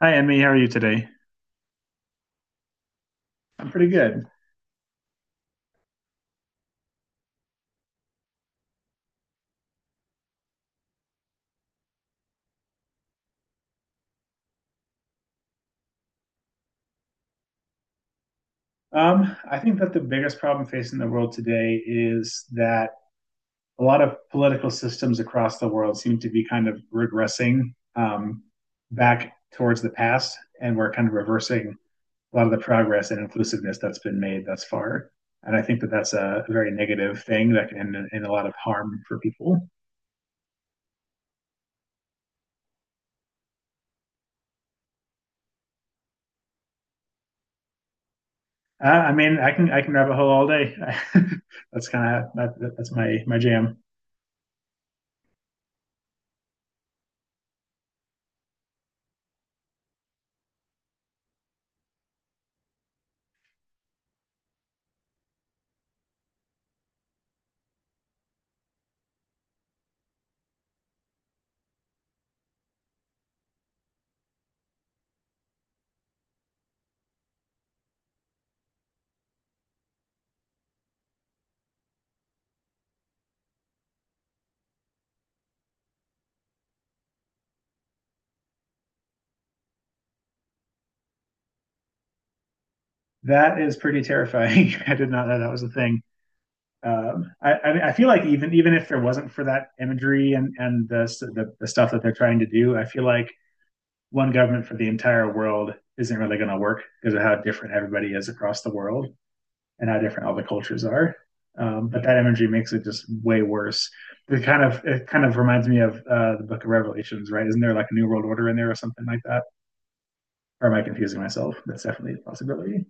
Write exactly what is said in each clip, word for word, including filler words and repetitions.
Hi, Emmy. How are you today? I'm pretty good. Um, I think that the biggest problem facing the world today is that a lot of political systems across the world seem to be kind of regressing um, back towards the past, and we're kind of reversing a lot of the progress and inclusiveness that's been made thus far. And I think that that's a very negative thing that can end in, in a lot of harm for people. Uh, I mean, I can I can rabbit hole all day. That's kind of that, that's my my jam. That is pretty terrifying. I did not know that was a thing. Um, I, I mean, I feel like even even if there wasn't for that imagery and and the, the the stuff that they're trying to do, I feel like one government for the entire world isn't really going to work because of how different everybody is across the world and how different all the cultures are. Um, but that imagery makes it just way worse. It kind of it kind of reminds me of uh, the Book of Revelations, right? Isn't there like a New World Order in there or something like that? Or am I confusing myself? That's definitely a possibility.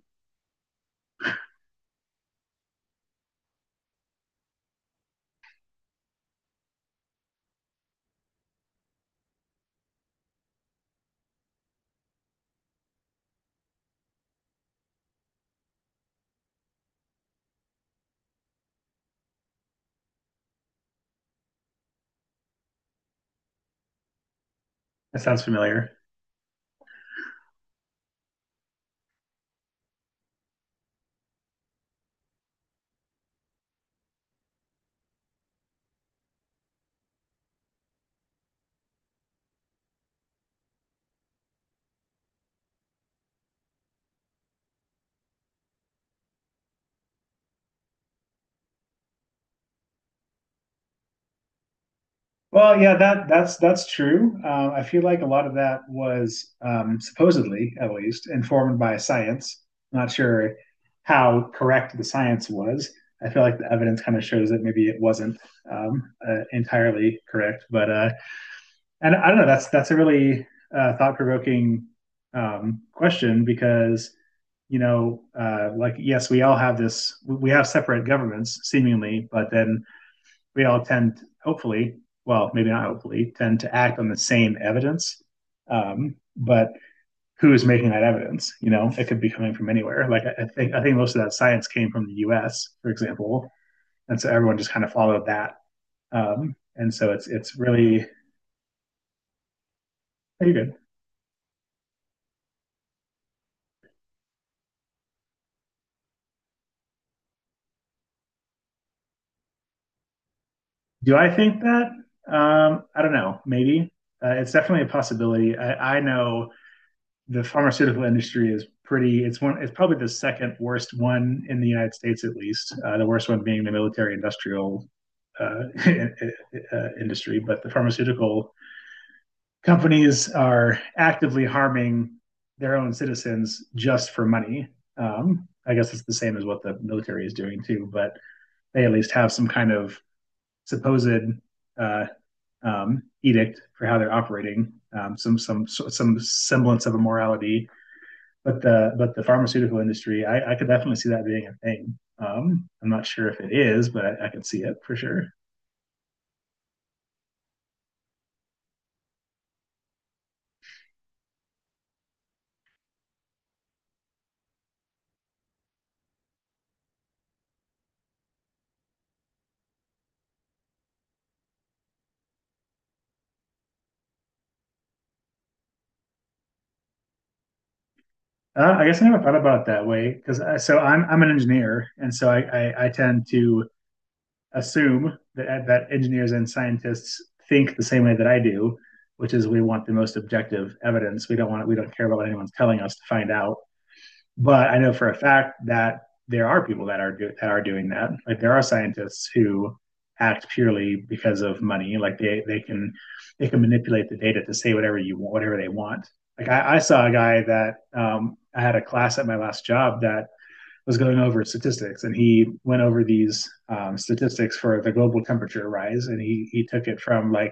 That sounds familiar. Well, yeah, that that's that's true. Uh, I feel like a lot of that was um, supposedly, at least, informed by science. Not sure how correct the science was. I feel like the evidence kind of shows that maybe it wasn't um, uh, entirely correct. But uh, and I don't know. That's that's a really uh, thought-provoking um, question because you know, uh, like yes, we all have this. We have separate governments seemingly, but then we all tend, to, hopefully, well, maybe not hopefully, tend to act on the same evidence. Um, but who is making that evidence? You know, it could be coming from anywhere. Like I, I think I think most of that science came from the U S, for example, and so everyone just kind of followed that. Um, and so it's it's really pretty good. Do I think that? Um, I don't know. Maybe uh, it's definitely a possibility. I, I know the pharmaceutical industry is pretty it's one it's probably the second worst one in the united states, at least. Uh, the worst one being the military industrial uh, uh, industry. But the pharmaceutical companies are actively harming their own citizens just for money. um, I guess it's the same as what the military is doing too, but they at least have some kind of supposed uh, um, edict for how they're operating, um, some some some semblance of a morality. But the but the pharmaceutical industry, I, I could definitely see that being a thing. Um, I'm not sure if it is, but I, I could see it for sure. Uh, I guess I never thought about it that way because so I'm I'm an engineer, and so I, I, I tend to assume that that engineers and scientists think the same way that I do, which is we want the most objective evidence. We don't want we don't care about what anyone's telling us to find out. But I know for a fact that there are people that are do- that are doing that. Like there are scientists who act purely because of money. Like they they can they can manipulate the data to say whatever you want, whatever they want. Like I, I saw a guy that um, I had a class at my last job that was going over statistics, and he went over these um, statistics for the global temperature rise, and he he took it from like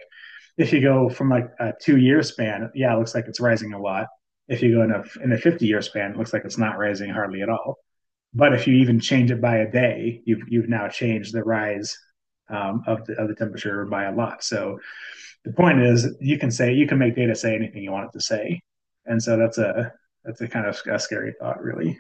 if you go from like a two year span, yeah, it looks like it's rising a lot. If you go in a in a fifty year span, it looks like it's not rising hardly at all. But if you even change it by a day, you've you've now changed the rise um, of, the, of the temperature by a lot. So the point is you can say you can make data say anything you want it to say. And so that's a that's a kind of a scary thought, really.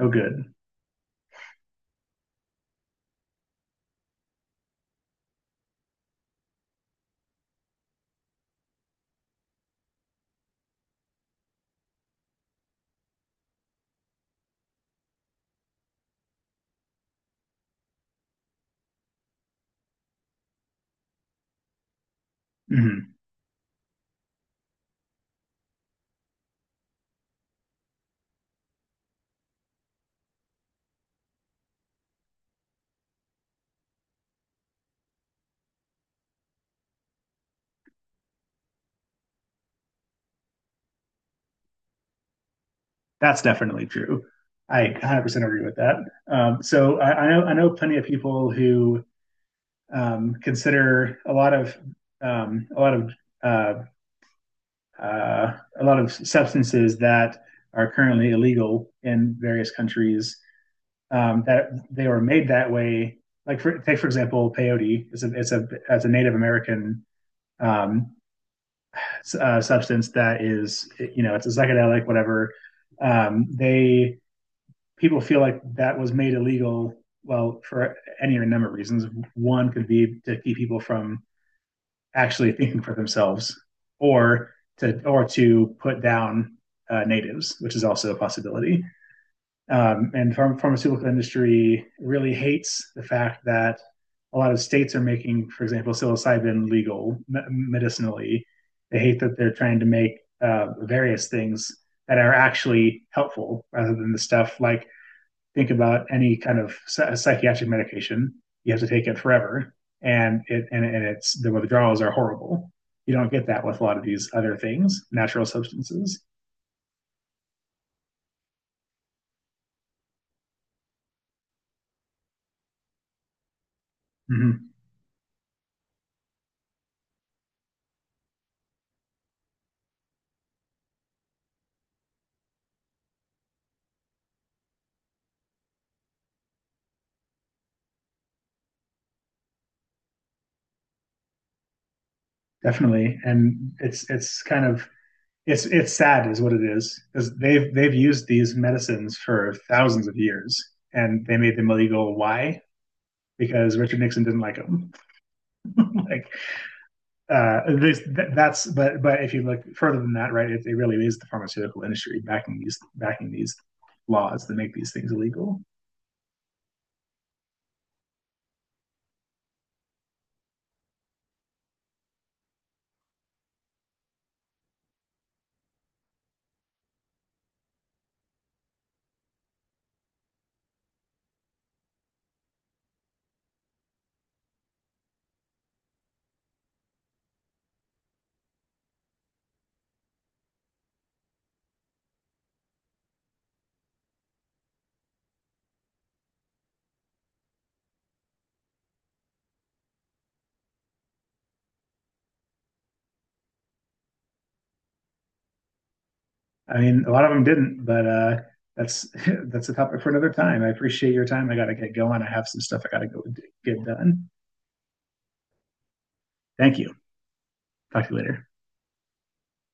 Oh good. Mm-hmm. That's definitely true. I one hundred percent agree with that. Um, so I, I know I know plenty of people who um, consider a lot of um, a lot of uh, uh, a lot of substances that are currently illegal in various countries, um, that they were made that way. Like for, take for example, peyote is a it's a, as a Native American, um, uh, substance that is, you know, it's a psychedelic whatever. Um, they people feel like that was made illegal. Well, for any number of reasons. One could be to keep people from actually thinking for themselves, or to or to put down uh, natives, which is also a possibility. Um, and pharm- pharmaceutical industry really hates the fact that a lot of states are making, for example, psilocybin legal, me- medicinally. They hate that they're trying to make uh, various things that are actually helpful, rather than the stuff like think about any kind of psychiatric medication. You have to take it forever, and it and, and it's the withdrawals are horrible. You don't get that with a lot of these other things, natural substances. Hmm, definitely. And it's it's kind of it's it's sad is what it is, because they've they've used these medicines for thousands of years, and they made them illegal. Why? Because Richard Nixon didn't like them. Like uh, this, th- that's, but but if you look further than that, right? It, it really is the pharmaceutical industry backing these, backing these laws that make these things illegal. I mean, a lot of them didn't, but uh, that's that's a topic for another time. I appreciate your time. I got to get going. I have some stuff I got to go get done. Thank you. Talk to you later.